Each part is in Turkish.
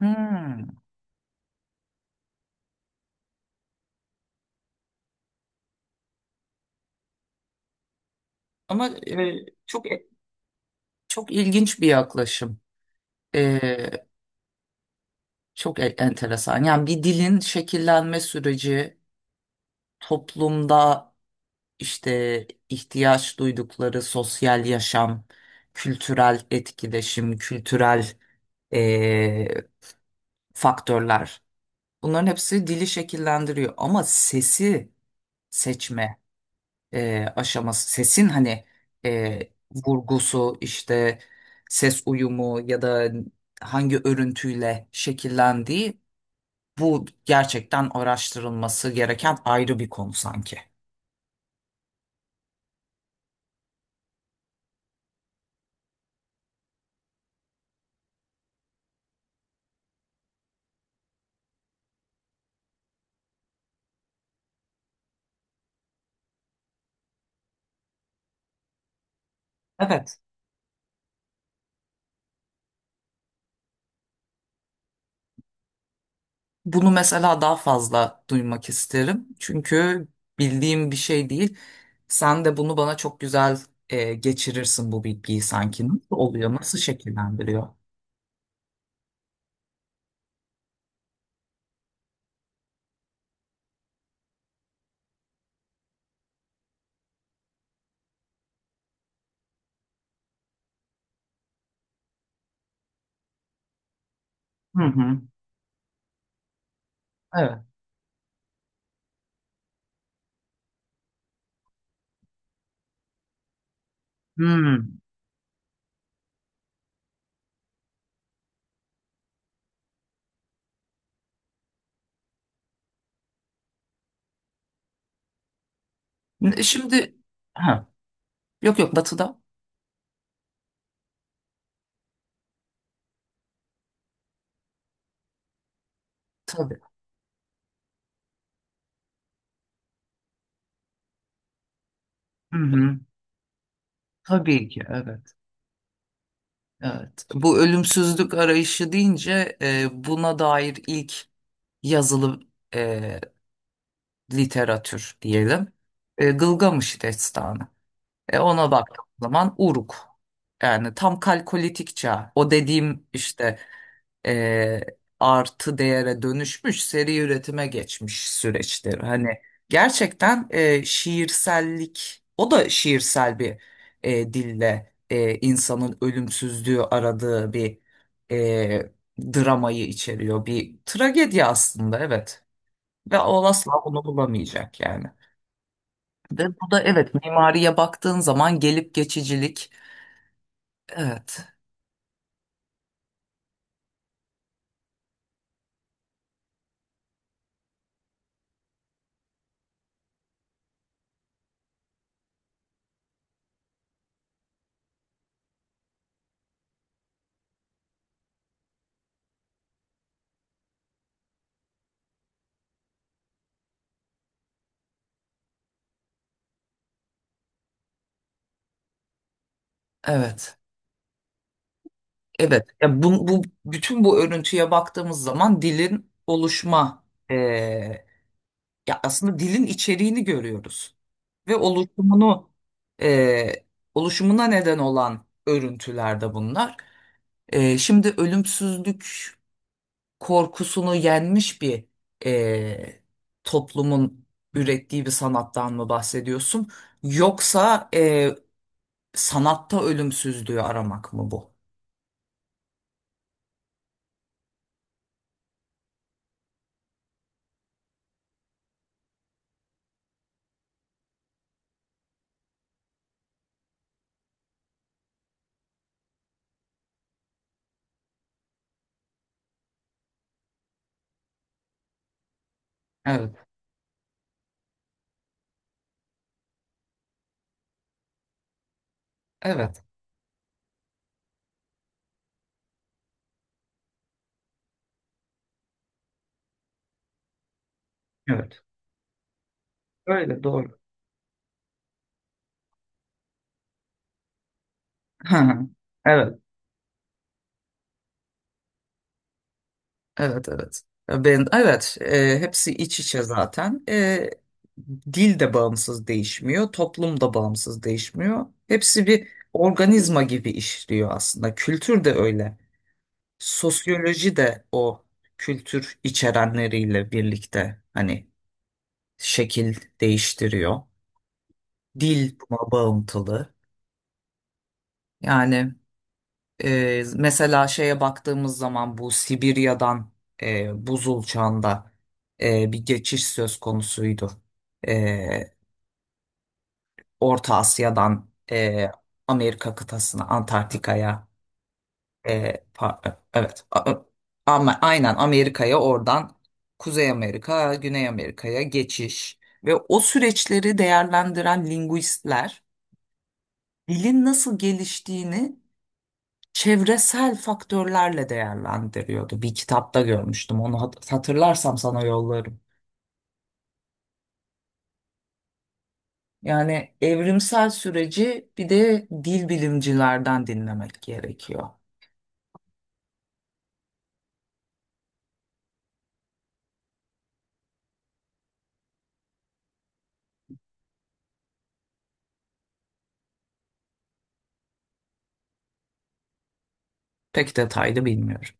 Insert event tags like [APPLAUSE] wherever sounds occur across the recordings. Hmm. Ama çok ilginç bir yaklaşım. E, Çok enteresan. Yani bir dilin şekillenme süreci, toplumda işte ihtiyaç duydukları sosyal yaşam, kültürel etkileşim, kültürel e, faktörler. Bunların hepsi dili şekillendiriyor. Ama sesi seçme. Aşaması sesin hani vurgusu işte ses uyumu ya da hangi örüntüyle şekillendiği bu gerçekten araştırılması gereken ayrı bir konu sanki. Evet. Bunu mesela daha fazla duymak isterim. Çünkü bildiğim bir şey değil. Sen de bunu bana çok güzel geçirirsin bu bilgiyi sanki. Nasıl oluyor? Nasıl şekillendiriyor? Hı hı. Evet. Hmm. Şimdi ha, yok yok batıda. Tabii. Hı hı. Tabii ki evet. Evet. Bu ölümsüzlük arayışı deyince buna dair ilk yazılı e, literatür diyelim. Gılgamış Destanı. Ona baktığım zaman Uruk. Yani tam kalkolitik çağ. O dediğim işte e, artı değere dönüşmüş seri üretime geçmiş süreçtir. Hani gerçekten şiirsellik o da şiirsel bir dille insanın ölümsüzlüğü aradığı bir e, dramayı içeriyor. Bir tragedi aslında evet. Ve o asla bunu bulamayacak yani. Ve bu da evet mimariye baktığın zaman gelip geçicilik. Evet. Evet. Evet, ya bu bütün bu örüntüye baktığımız zaman dilin oluşma eee, ya aslında dilin içeriğini görüyoruz ve oluşumunu eee, oluşumuna neden olan örüntülerde bunlar. Şimdi ölümsüzlük korkusunu yenmiş bir eee, toplumun ürettiği bir sanattan mı bahsediyorsun? Yoksa sanatta ölümsüzlüğü aramak mı bu? Evet, evet, evet. Öyle doğru. Ha, evet, evet, evet. E, ben, evet, hepsi iç içe zaten. Dil de bağımsız değişmiyor, toplum da bağımsız değişmiyor. Hepsi bir organizma gibi işliyor aslında. Kültür de öyle. Sosyoloji de o kültür içerenleriyle birlikte hani şekil değiştiriyor. Dil buna bağıntılı. Yani mesela şeye baktığımız zaman bu Sibirya'dan buzul çağında bir geçiş söz konusuydu. Ee, Orta Asya'dan Amerika kıtasına, Antarktika'ya, evet, ama aynen Amerika'ya oradan Kuzey Amerika, Güney Amerika'ya geçiş ve o süreçleri değerlendiren linguistler dilin nasıl geliştiğini çevresel faktörlerle değerlendiriyordu. Bir kitapta görmüştüm. Onu hatırlarsam sana yollarım. Yani evrimsel süreci bir de dil bilimcilerden dinlemek gerekiyor. Pek detaylı bilmiyorum.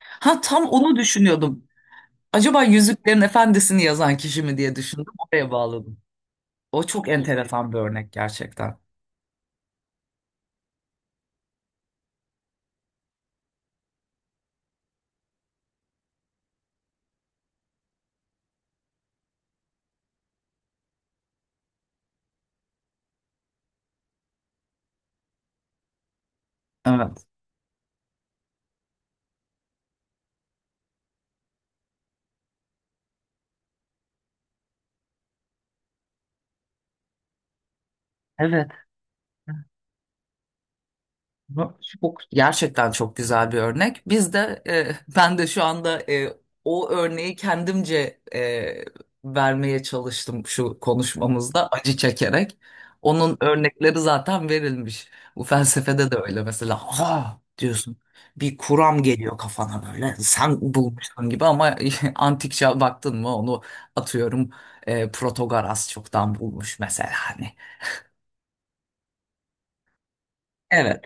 Ha tam onu düşünüyordum. Acaba Yüzüklerin Efendisi'ni yazan kişi mi diye düşündüm. Oraya bağladım. O çok enteresan bir örnek gerçekten. Evet. Evet. Bu gerçekten çok güzel bir örnek. Biz de [LAUGHS] ben de şu anda o örneği kendimce vermeye çalıştım şu konuşmamızda acı çekerek. Onun örnekleri zaten verilmiş. Bu felsefede de öyle mesela. Aha diyorsun bir kuram geliyor kafana böyle sen bulmuşsun gibi ama [LAUGHS] antik çağ baktın mı onu atıyorum Protogoras çoktan bulmuş mesela hani. Evet.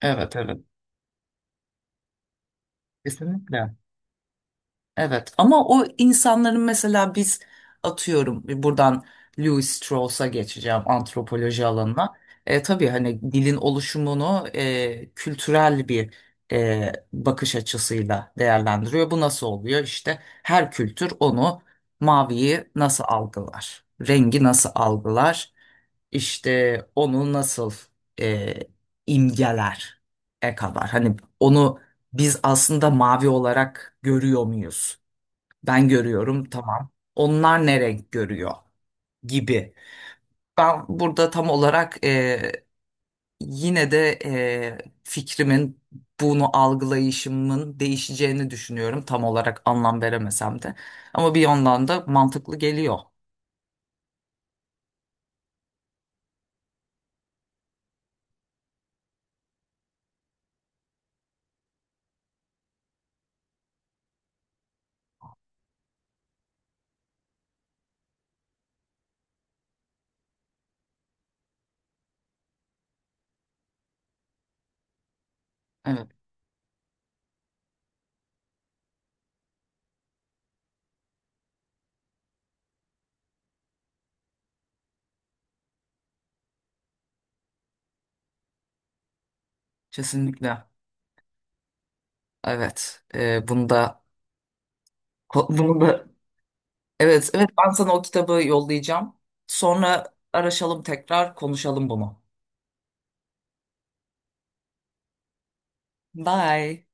Evet, evet, kesinlikle. Evet ama o insanların mesela biz atıyorum buradan Louis Strauss'a geçeceğim antropoloji alanına. Tabii hani dilin oluşumunu kültürel bir bakış açısıyla değerlendiriyor. Bu nasıl oluyor? İşte her kültür onu maviyi nasıl algılar? Rengi nasıl algılar? İşte onu nasıl e, imgeler e kadar. Hani onu biz aslında mavi olarak görüyor muyuz? Ben görüyorum, tamam. Onlar ne renk görüyor gibi. Ben burada tam olarak yine de fikrimin bunu algılayışımın değişeceğini düşünüyorum. Tam olarak anlam veremesem de. Ama bir yandan da mantıklı geliyor. Evet, kesinlikle. Evet, bunu da bunu da evet, evet, ben sana o kitabı yollayacağım. Sonra araşalım tekrar konuşalım bunu. Bye.